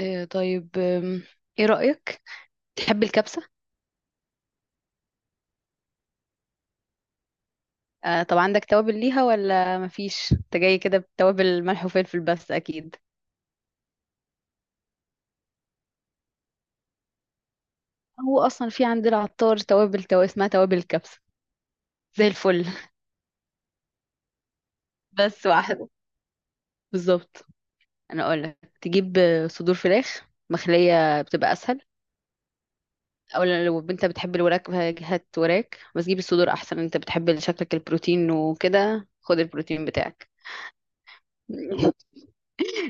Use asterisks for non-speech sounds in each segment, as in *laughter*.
طيب ايه رأيك؟ تحب الكبسة؟ طب عندك توابل ليها ولا مفيش؟ انت جاي كده بتوابل ملح وفلفل بس اكيد. هو اصلا في عند العطار توابل اسمها توابل الكبسة، زي الفل. *laughs* بس واحدة بالظبط. انا اقول لك تجيب صدور فراخ مخلية، بتبقى اسهل اولا. لو انت بتحب الوراك، هات وراك، بس جيب الصدور احسن. انت بتحب شكلك البروتين وكده، خد البروتين بتاعك. *laughs*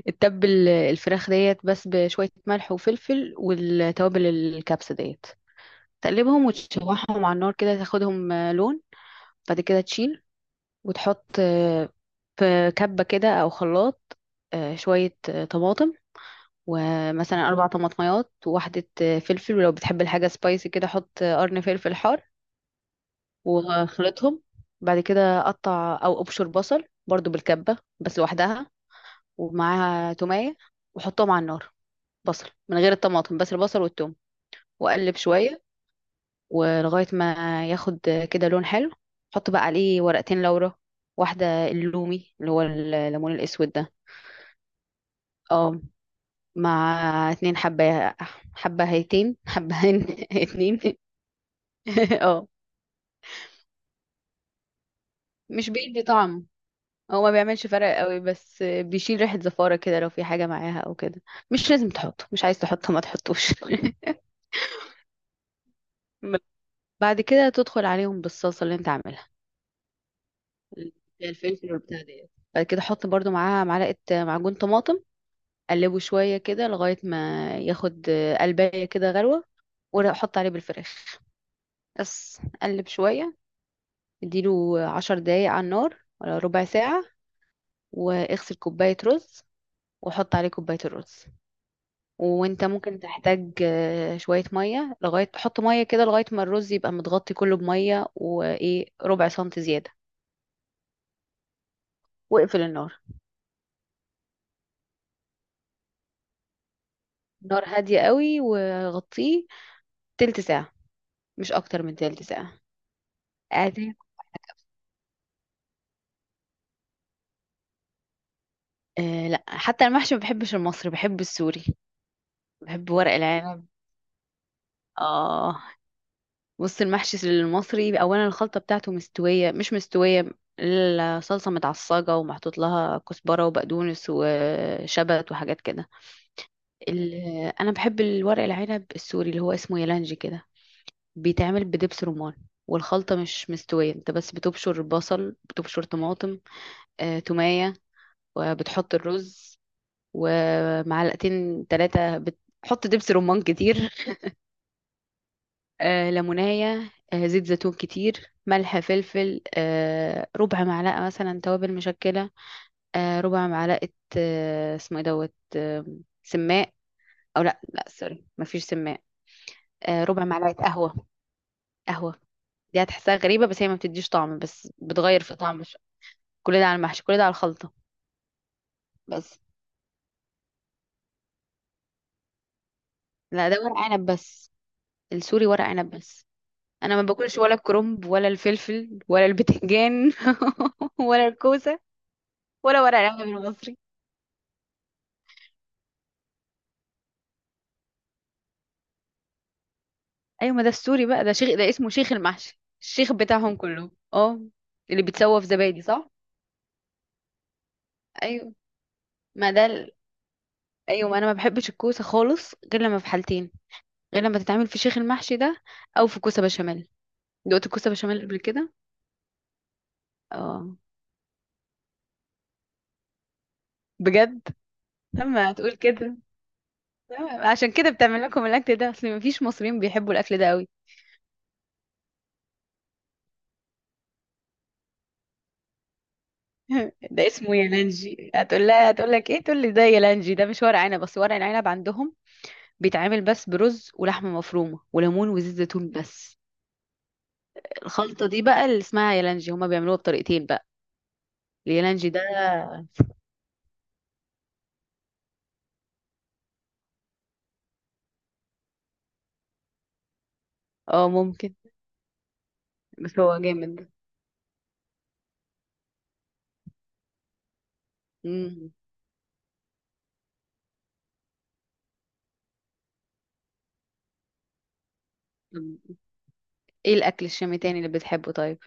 تتبل الفراخ ديت بس بشوية ملح وفلفل والتوابل الكبسة ديت، تقلبهم وتشوحهم على النار كده تاخدهم لون. بعد كده تشيل وتحط في كبة كده أو خلاط، شوية طماطم. ومثلا 4 طماطميات وواحدة فلفل. ولو بتحب الحاجة سبايسي كده، حط قرن فلفل حار وخلطهم. بعد كده قطع أو أبشر بصل برضو بالكبة بس لوحدها، ومعاها تومية، وحطهم على النار. بصل من غير الطماطم، بس البصل والثوم، واقلب شويه، ولغايه ما ياخد كده لون حلو. حط بقى عليه ورقتين لورا، واحده اللومي اللي هو الليمون الاسود ده. اه. مع 2 حبه، حبهيتين حبهين. *laughs* اتنين. *laughs* اه، مش بيدي طعم. هو ما بيعملش فرق قوي بس بيشيل ريحه زفاره كده لو في حاجه معاها او كده. مش لازم تحطه، مش عايز تحطه ما تحطوش. *laughs* بعد كده تدخل عليهم بالصلصه اللي انت عاملها، اللي فيها الفلفل والبتاع ديت. بعد كده احط برضو معاها معلقه معجون طماطم، اقلبه شويه كده لغايه ما ياخد قلبايه كده غلوه، واحط عليه بالفراخ. بس اقلب شويه، اديله 10 دقايق على النار ولا ربع ساعه. واغسل كوبايه رز، وحط عليه كوبايه الرز. وانت ممكن تحتاج شويه ميه، لغايه حط ميه كده لغايه ما الرز يبقى متغطي كله بميه وايه، ربع سنتي زياده. واقفل النار. نار هاديه قوي وغطيه تلت ساعه، مش اكتر من تلت ساعه. قاعدين. آه لا، حتى المحشي ما بحبش المصري، بحب السوري. بحب ورق العنب. اه. بص، المحشي المصري اولا الخلطه بتاعته مستويه مش مستويه، الصلصه متعصجه ومحطوط لها كزبره وبقدونس وشبت وحاجات كده. ال- انا بحب الورق العنب السوري اللي هو اسمه يلانجي كده، بيتعمل بدبس رمان. والخلطة مش مستوية، انت بس بتبشر بصل، بتبشر طماطم، تومية، وبتحط الرز، ومعلقتين ثلاثة بتحط دبس رمان كتير. ليمونية، زيت زيتون كتير، ملح، فلفل، ربع معلقة مثلا توابل مشكلة، ربع معلقة، اسمه ايه دوت سماق. او لا، لا، سوري مفيش سماق. ربع معلقة قهوة. قهوة دي هتحسها غريبة بس هي ما بتديش طعم، بس بتغير في طعم. كل ده على المحشي، كل ده على الخلطة. بس لا، ده ورق عنب بس. السوري ورق عنب بس. انا ما باكلش ولا الكرنب ولا الفلفل ولا البتنجان. *laughs* ولا الكوسه، ولا ورق العنب المصري. ايوه، ما ده السوري بقى. ده شيخ، ده اسمه شيخ المحشي، الشيخ بتاعهم كله. اه. اللي بيتسوى في زبادي، صح؟ ايوه، ما ده ايوه، ما انا ما بحبش الكوسه خالص غير لما في حالتين. غير لما تتعمل في شيخ المحشي ده، او في كوسه بشاميل. دقت الكوسه بشاميل قبل كده؟ اه، بجد. لما هتقول كده، عشان كده بتعمل لكم الاكل ده، اصل ما فيش مصريين بيحبوا الاكل ده قوي. *laughs* ده اسمه يالانجي. هتقول لها هتقول لك ايه؟ تقول لي ده يالانجي، ده مش ورق عنب. بس ورق العنب عندهم بيتعمل بس برز ولحمه مفرومه وليمون وزيت زيتون بس. الخلطه دي بقى اللي اسمها يالانجي، هما بيعملوها بطريقتين بقى، اليالانجي ده. اه ممكن. بس هو جامد ده. مم. طب ايه الاكل الشامي تاني اللي بتحبه؟ طيب.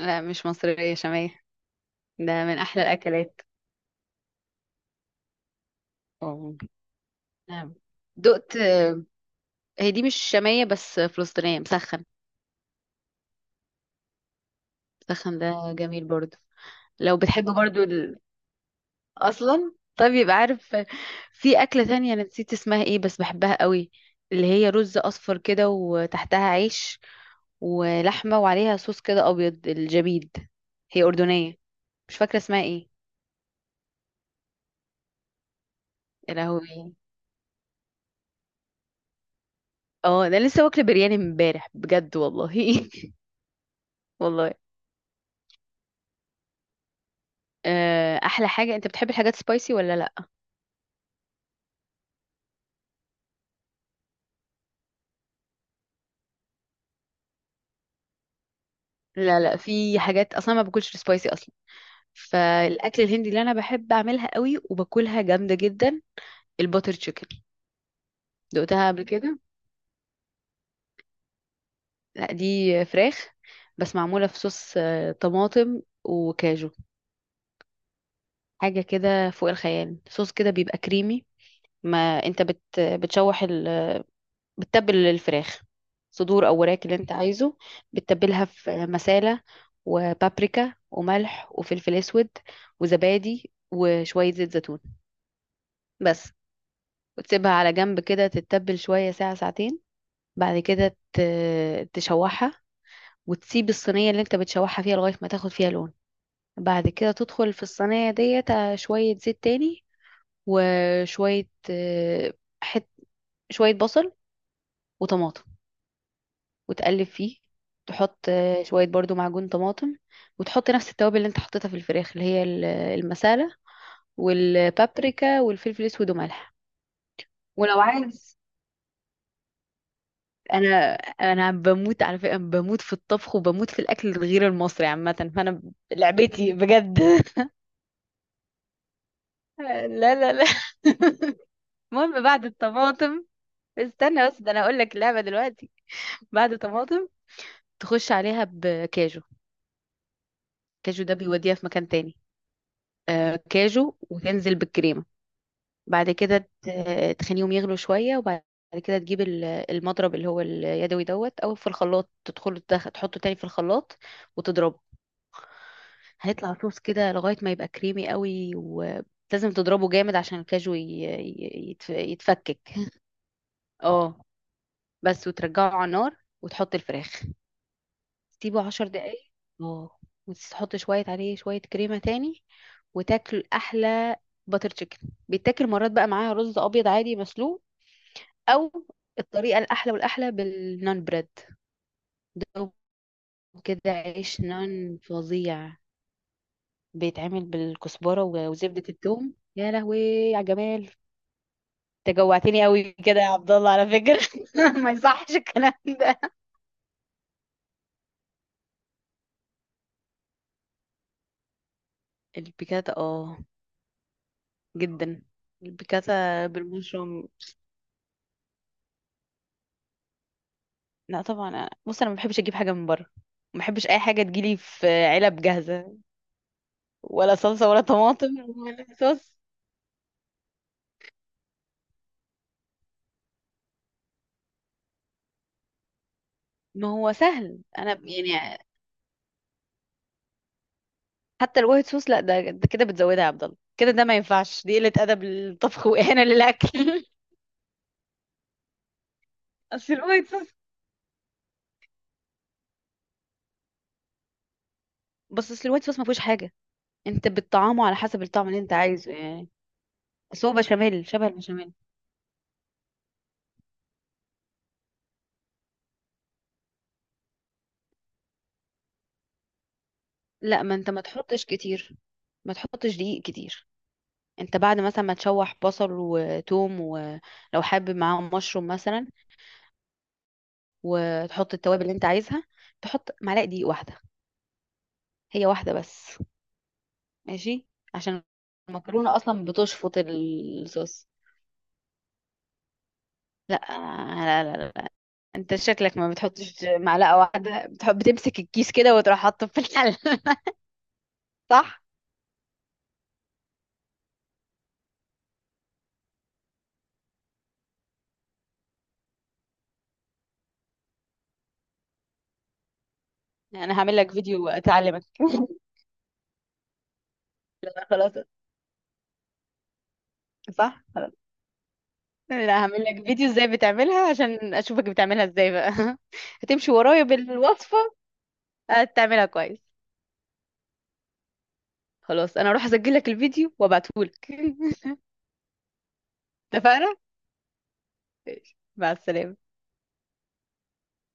لا، مش مصريه، شاميه. ده من احلى الاكلات. اه ممكن. نعم. دقت هي دي مش شاميه بس فلسطينيه، مسخن. مسخن ده جميل برضه. لو بتحب برضو اصلا طب يبقى عارف، في اكله تانية انا نسيت اسمها ايه بس بحبها قوي، اللي هي رز اصفر كده وتحتها عيش ولحمه، وعليها صوص كده ابيض، الجبيد. هي اردنيه، مش فاكره اسمها ايه. يا لهوي! اه، ده أنا لسه واكله برياني امبارح بجد والله. *laughs* والله. احلى حاجه، انت بتحب الحاجات سبايسي ولا لا؟ لا، لا، في حاجات اصلا ما باكلش سبايسي اصلا. فالاكل الهندي اللي انا بحب اعملها قوي وباكلها جامده جدا، الباتر تشيكن. دقتها قبل كده؟ لا، دي فراخ بس معمولة في صوص طماطم وكاجو، حاجة كده فوق الخيال. صوص كده بيبقى كريمي. ما انت بتشوح بتتبل الفراخ صدور او وراك اللي انت عايزه. بتتبلها في مسالة وبابريكا وملح وفلفل اسود وزبادي وشوية زيت زيتون بس. وتسيبها على جنب كده تتبل شوية، ساعة ساعتين. بعد كده تشوحها، وتسيب الصينية اللي انت بتشوحها فيها لغاية ما تاخد فيها لون. بعد كده تدخل في الصينية ديت شوية زيت تاني، وشوية حت شوية بصل وطماطم، وتقلب فيه. تحط شوية برضو معجون طماطم، وتحط نفس التوابل اللي انت حطيتها في الفراخ، اللي هي المسالة والبابريكا والفلفل الأسود وملح. ولو عايز، انا انا بموت على فكره، بموت في الطبخ وبموت في الاكل الغير المصري عامه، فانا لعبتي بجد. *laughs* لا، لا، لا. *laughs* المهم بعد الطماطم، استنى بس، ده انا هقول لك اللعبه دلوقتي. بعد طماطم تخش عليها بكاجو. كاجو ده بيوديها في مكان تاني. آه، كاجو، وتنزل بالكريمه. بعد كده تخليهم يغلوا شويه، وبعد كده تجيب المضرب اللي هو اليدوي، دوت، او في الخلاط. تدخله تحطه تاني في الخلاط، وتضربه. هيطلع صوص كده لغايه ما يبقى كريمي قوي. ولازم تضربه جامد عشان الكاجو يتفكك. *laughs* اه، بس. وترجعه على النار وتحط الفراخ، سيبه 10 دقايق. اه. وتحط شوية عليه، شوية كريمة تاني، وتاكل أحلى باتر تشيكن. بيتاكل مرات بقى معاها رز أبيض عادي مسلوق، أو الطريقة الأحلى والأحلى بالنان بريد. دوب كده عيش نان فظيع، بيتعمل بالكزبرة وزبدة الثوم. يا لهوي! يا جمال! تجوعتني قوي كده يا عبد الله، على فكرة. *laughs* ما يصحش الكلام ده. البيكاتا، اه، جدا، البيكاتا بالمشروم. لا طبعا، بص انا ما بحبش اجيب حاجه من بره، ما بحبش اي حاجه تجيلي في علب جاهزه، ولا صلصه ولا طماطم ولا صوص. ما هو سهل. انا يعني، حتى الوايت صوص، لا، ده كده بتزودها يا عبد الله. كده ده ما ينفعش، دي قله ادب للطبخ واهانه للاكل. *laughs* اصل الوايت صوص، بس اصل الوايت صوص ما فيهوش حاجه. انت بتطعمه على حسب الطعم اللي انت عايزه يعني. بس هو بشاميل، شبه البشاميل. لا، ما انت ما تحطش كتير، ما تحطش دقيق كتير. انت بعد مثلا ما تشوح بصل وتوم، ولو حابب معاهم مشروم مثلا، وتحط التوابل اللي انت عايزها، تحط معلقه دقيق واحده. هي واحده بس. ماشي، عشان المكرونه اصلا بتشفط الصوص. لا، لا، لا، لا، انت شكلك ما بتحطش معلقه واحده، بتحب بتمسك الكيس كده وتروح حاطه في الحله. *laughs* صح. يعني انا هعمل لك فيديو اعلمك. *laughs* لا، خلاص. صح، لا هعمل لك فيديو ازاي بتعملها، عشان اشوفك بتعملها ازاي بقى. *laughs* هتمشي ورايا بالوصفة، هتعملها كويس. خلاص، انا اروح اسجل لك الفيديو وابعتهولك. *laughs* اتفقنا. ماشي، مع السلامة.